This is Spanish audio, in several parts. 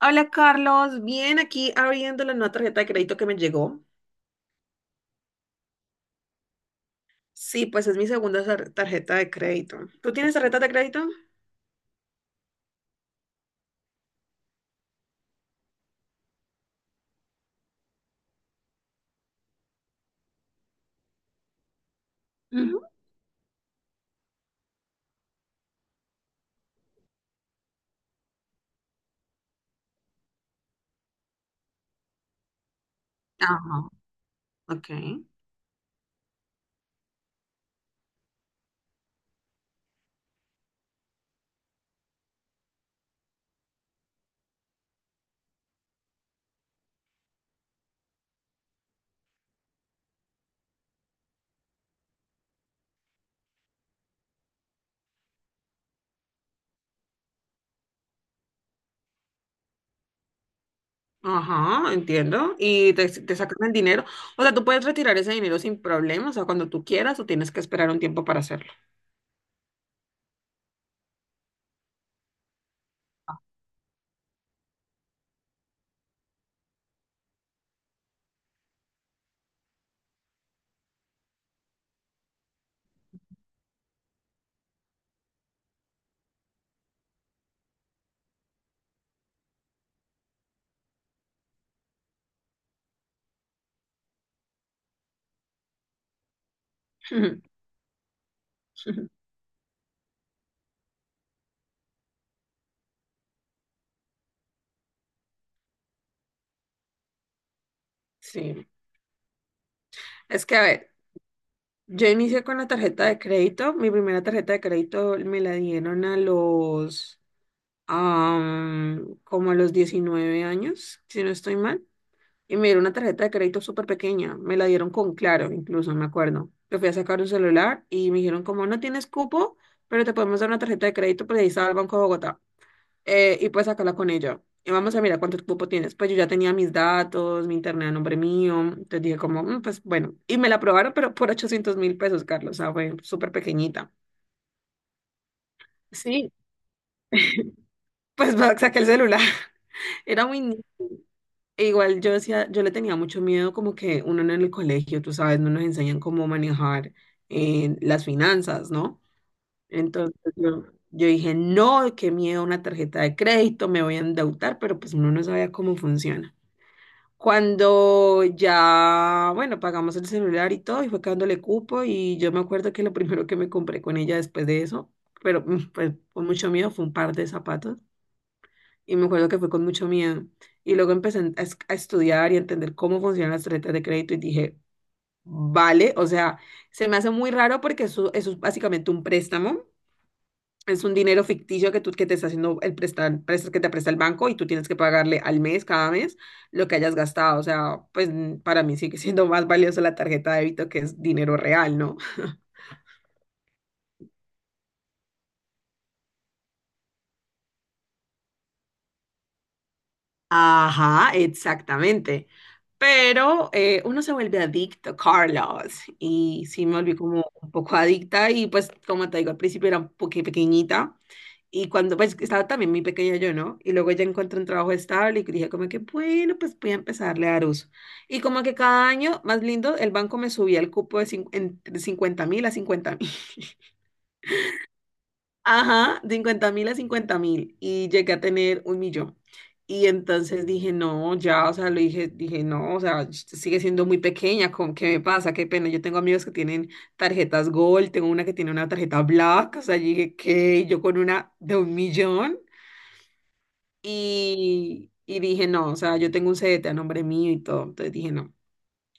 Hola Carlos, bien aquí abriendo la nueva tarjeta de crédito que me llegó. Sí, pues es mi segunda tarjeta de crédito. ¿Tú tienes tarjeta de crédito? Ujú. Ajá, ok. Ajá, entiendo. Y te sacan el dinero. O sea, tú puedes retirar ese dinero sin problemas, o sea, cuando tú quieras, o tienes que esperar un tiempo para hacerlo. Ujú, ujú. Sí. Es que, a ver, yo inicié con la tarjeta de crédito. Mi primera tarjeta de crédito me la dieron como a los 19 años, si no estoy mal. Y me dieron una tarjeta de crédito súper pequeña. Me la dieron con Claro, incluso, me acuerdo. Yo fui a sacar un celular y me dijeron como: "No tienes cupo, pero te podemos dar una tarjeta de crédito", pues ahí estaba el Banco de Bogotá. Y puedes sacarla con ella. Y vamos a mirar cuánto cupo tienes. Pues yo ya tenía mis datos, mi internet a nombre mío. Entonces dije como: "Mm, pues bueno". Y me la aprobaron, pero por 800.000 pesos, Carlos. O sea, fue súper pequeñita. Sí, pues saqué el celular. Era muy. Igual yo decía, yo le tenía mucho miedo, como que uno en el colegio, tú sabes, no nos enseñan cómo manejar las finanzas, ¿no? Entonces yo dije: "No, qué miedo una tarjeta de crédito, me voy a endeudar", pero pues uno no sabía cómo funciona. Cuando ya, bueno, pagamos el celular y todo, y fue quedándole cupo, y yo me acuerdo que lo primero que me compré con ella después de eso, pero pues con mucho miedo, fue un par de zapatos, y me acuerdo que fue con mucho miedo. Y luego empecé a estudiar y a entender cómo funcionan las tarjetas de crédito y dije: "Vale, o sea, se me hace muy raro porque eso es básicamente un préstamo. Es un dinero ficticio que te está haciendo el prestar, prestas que te presta el banco y tú tienes que pagarle al mes, cada mes, lo que hayas gastado". O sea, pues para mí sigue siendo más valioso la tarjeta de débito, que es dinero real, ¿no? Ajá, exactamente. Pero uno se vuelve adicto, Carlos, y sí me volví como un poco adicta, y pues como te digo, al principio era un poquito pequeñita, y cuando pues estaba también muy pequeña yo, ¿no? Y luego ya encontré un trabajo estable y dije como que bueno, pues voy a empezarle a dar uso. Y como que cada año, más lindo, el banco me subía el cupo de entre 50 mil a 50.000. Ajá, 50.000 a 50.000, y llegué a tener un millón. Y entonces dije: "No, ya, o sea", lo dije, "No, o sea, sigue siendo muy pequeña, ¿con qué me pasa? Qué pena. Yo tengo amigos que tienen tarjetas Gold, tengo una que tiene una tarjeta Black, o sea". Yo dije: "¿Qué? Yo con una de un millón". Y dije: "No, o sea, yo tengo un CDT a nombre mío y todo". Entonces dije: "No.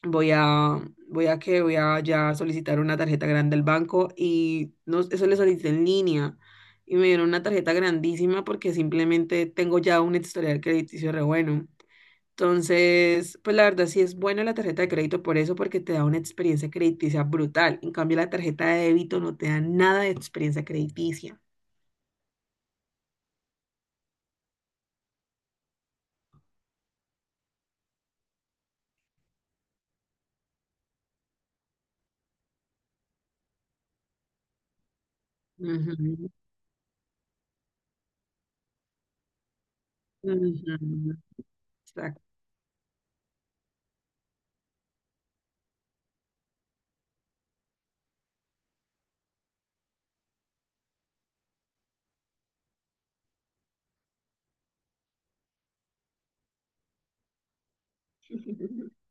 Voy a, voy a ya solicitar una tarjeta grande al banco", y no, eso le solicité en línea y me dieron una tarjeta grandísima porque simplemente tengo ya un historial crediticio re bueno. Entonces, pues la verdad sí es buena la tarjeta de crédito por eso, porque te da una experiencia crediticia brutal. En cambio, la tarjeta de débito no te da nada de experiencia crediticia. Ujú, ujú, exacto.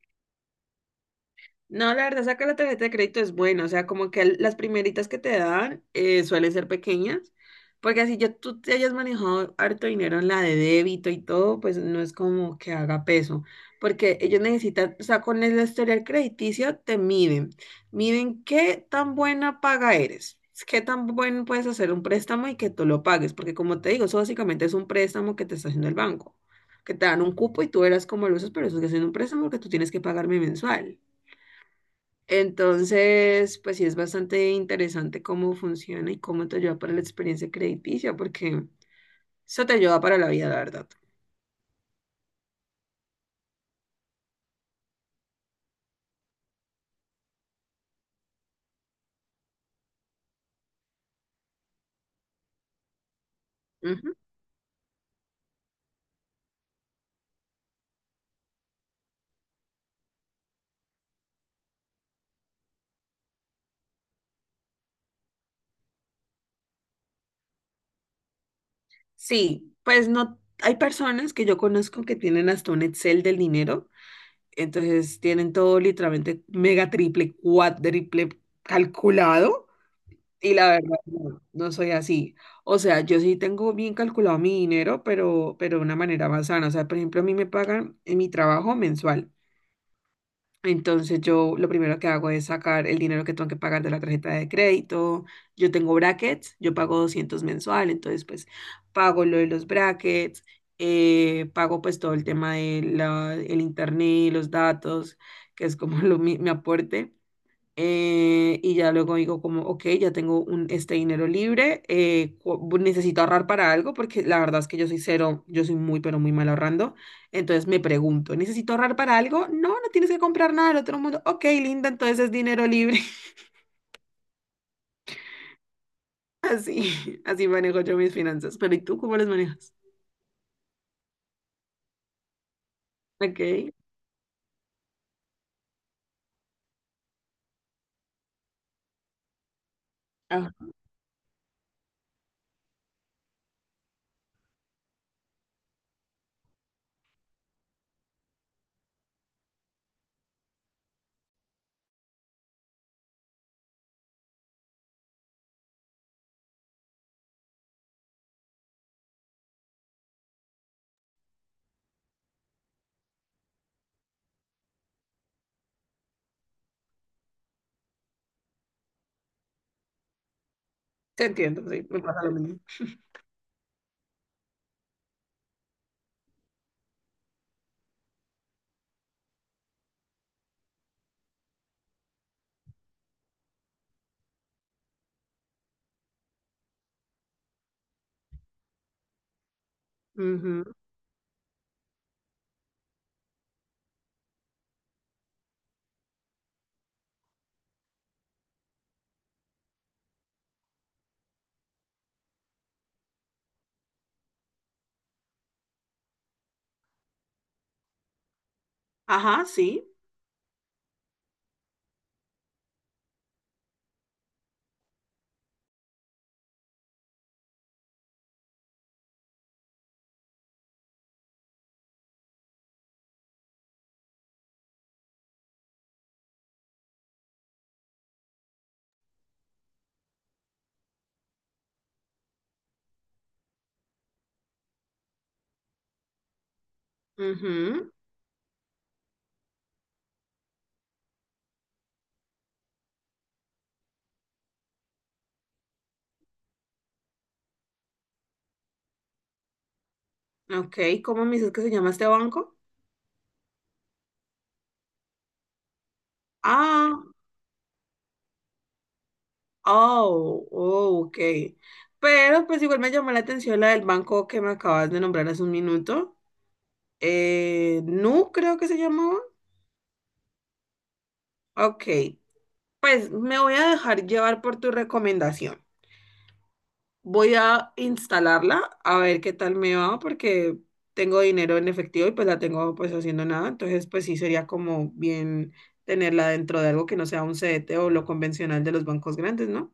No, la verdad, sacar la tarjeta de crédito es bueno, o sea, como que las primeritas que te dan suelen ser pequeñas, porque así ya tú te hayas manejado harto dinero en la de débito y todo, pues no es como que haga peso, porque ellos necesitan, o sea, con el historial crediticio te miden, miden qué tan buena paga eres, qué tan bueno puedes hacer un préstamo y que tú lo pagues, porque como te digo, eso básicamente es un préstamo que te está haciendo el banco, que te dan un cupo y tú verás cómo lo usas, pero eso es que es un préstamo que tú tienes que pagarme mensual. Entonces, pues sí es bastante interesante cómo funciona y cómo te ayuda para la experiencia crediticia, porque eso te ayuda para la vida, la verdad. Ujú. Sí, pues no, hay personas que yo conozco que tienen hasta un Excel del dinero, entonces tienen todo literalmente mega, triple, cuádruple calculado, y la verdad no, no soy así. O sea, yo sí tengo bien calculado mi dinero, pero de una manera más sana. O sea, por ejemplo, a mí me pagan en mi trabajo mensual. Entonces yo lo primero que hago es sacar el dinero que tengo que pagar de la tarjeta de crédito. Yo tengo brackets, yo pago 200 mensual, entonces pues pago lo de los brackets, pago pues todo el tema de el internet, los datos, que es como mi aporte. Y ya luego digo como: "Ok, ya tengo este dinero libre, necesito ahorrar para algo", porque la verdad es que yo soy cero, yo soy muy, pero muy mal ahorrando. Entonces me pregunto: "¿Necesito ahorrar para algo? No, no tienes que comprar nada del otro mundo. Ok, linda, entonces es dinero libre". Así, así manejo yo mis finanzas. Pero ¿y tú cómo las manejas? Ok, ah, te entiendo, sí, me pasa lo mismo. Ujú. Ajá, sí. Ujú. Ok, ¿cómo me dices que se llama este banco? Ah. Oh, oh, ok. Pero pues igual me llamó la atención la del banco que me acabas de nombrar hace un minuto. Nu, creo que se llamaba. Ok. Pues me voy a dejar llevar por tu recomendación. Voy a instalarla a ver qué tal me va, porque tengo dinero en efectivo y pues la tengo pues haciendo nada. Entonces pues sí sería como bien tenerla dentro de algo que no sea un CDT o lo convencional de los bancos grandes, ¿no?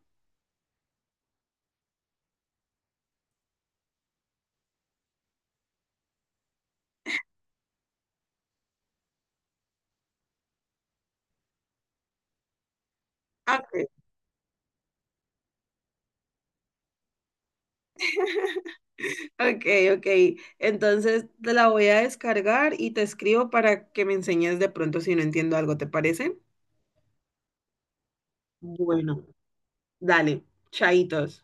Ah, ok. Ok, ok. Entonces te la voy a descargar y te escribo para que me enseñes de pronto si no entiendo algo, ¿te parece? Bueno, dale, chaitos.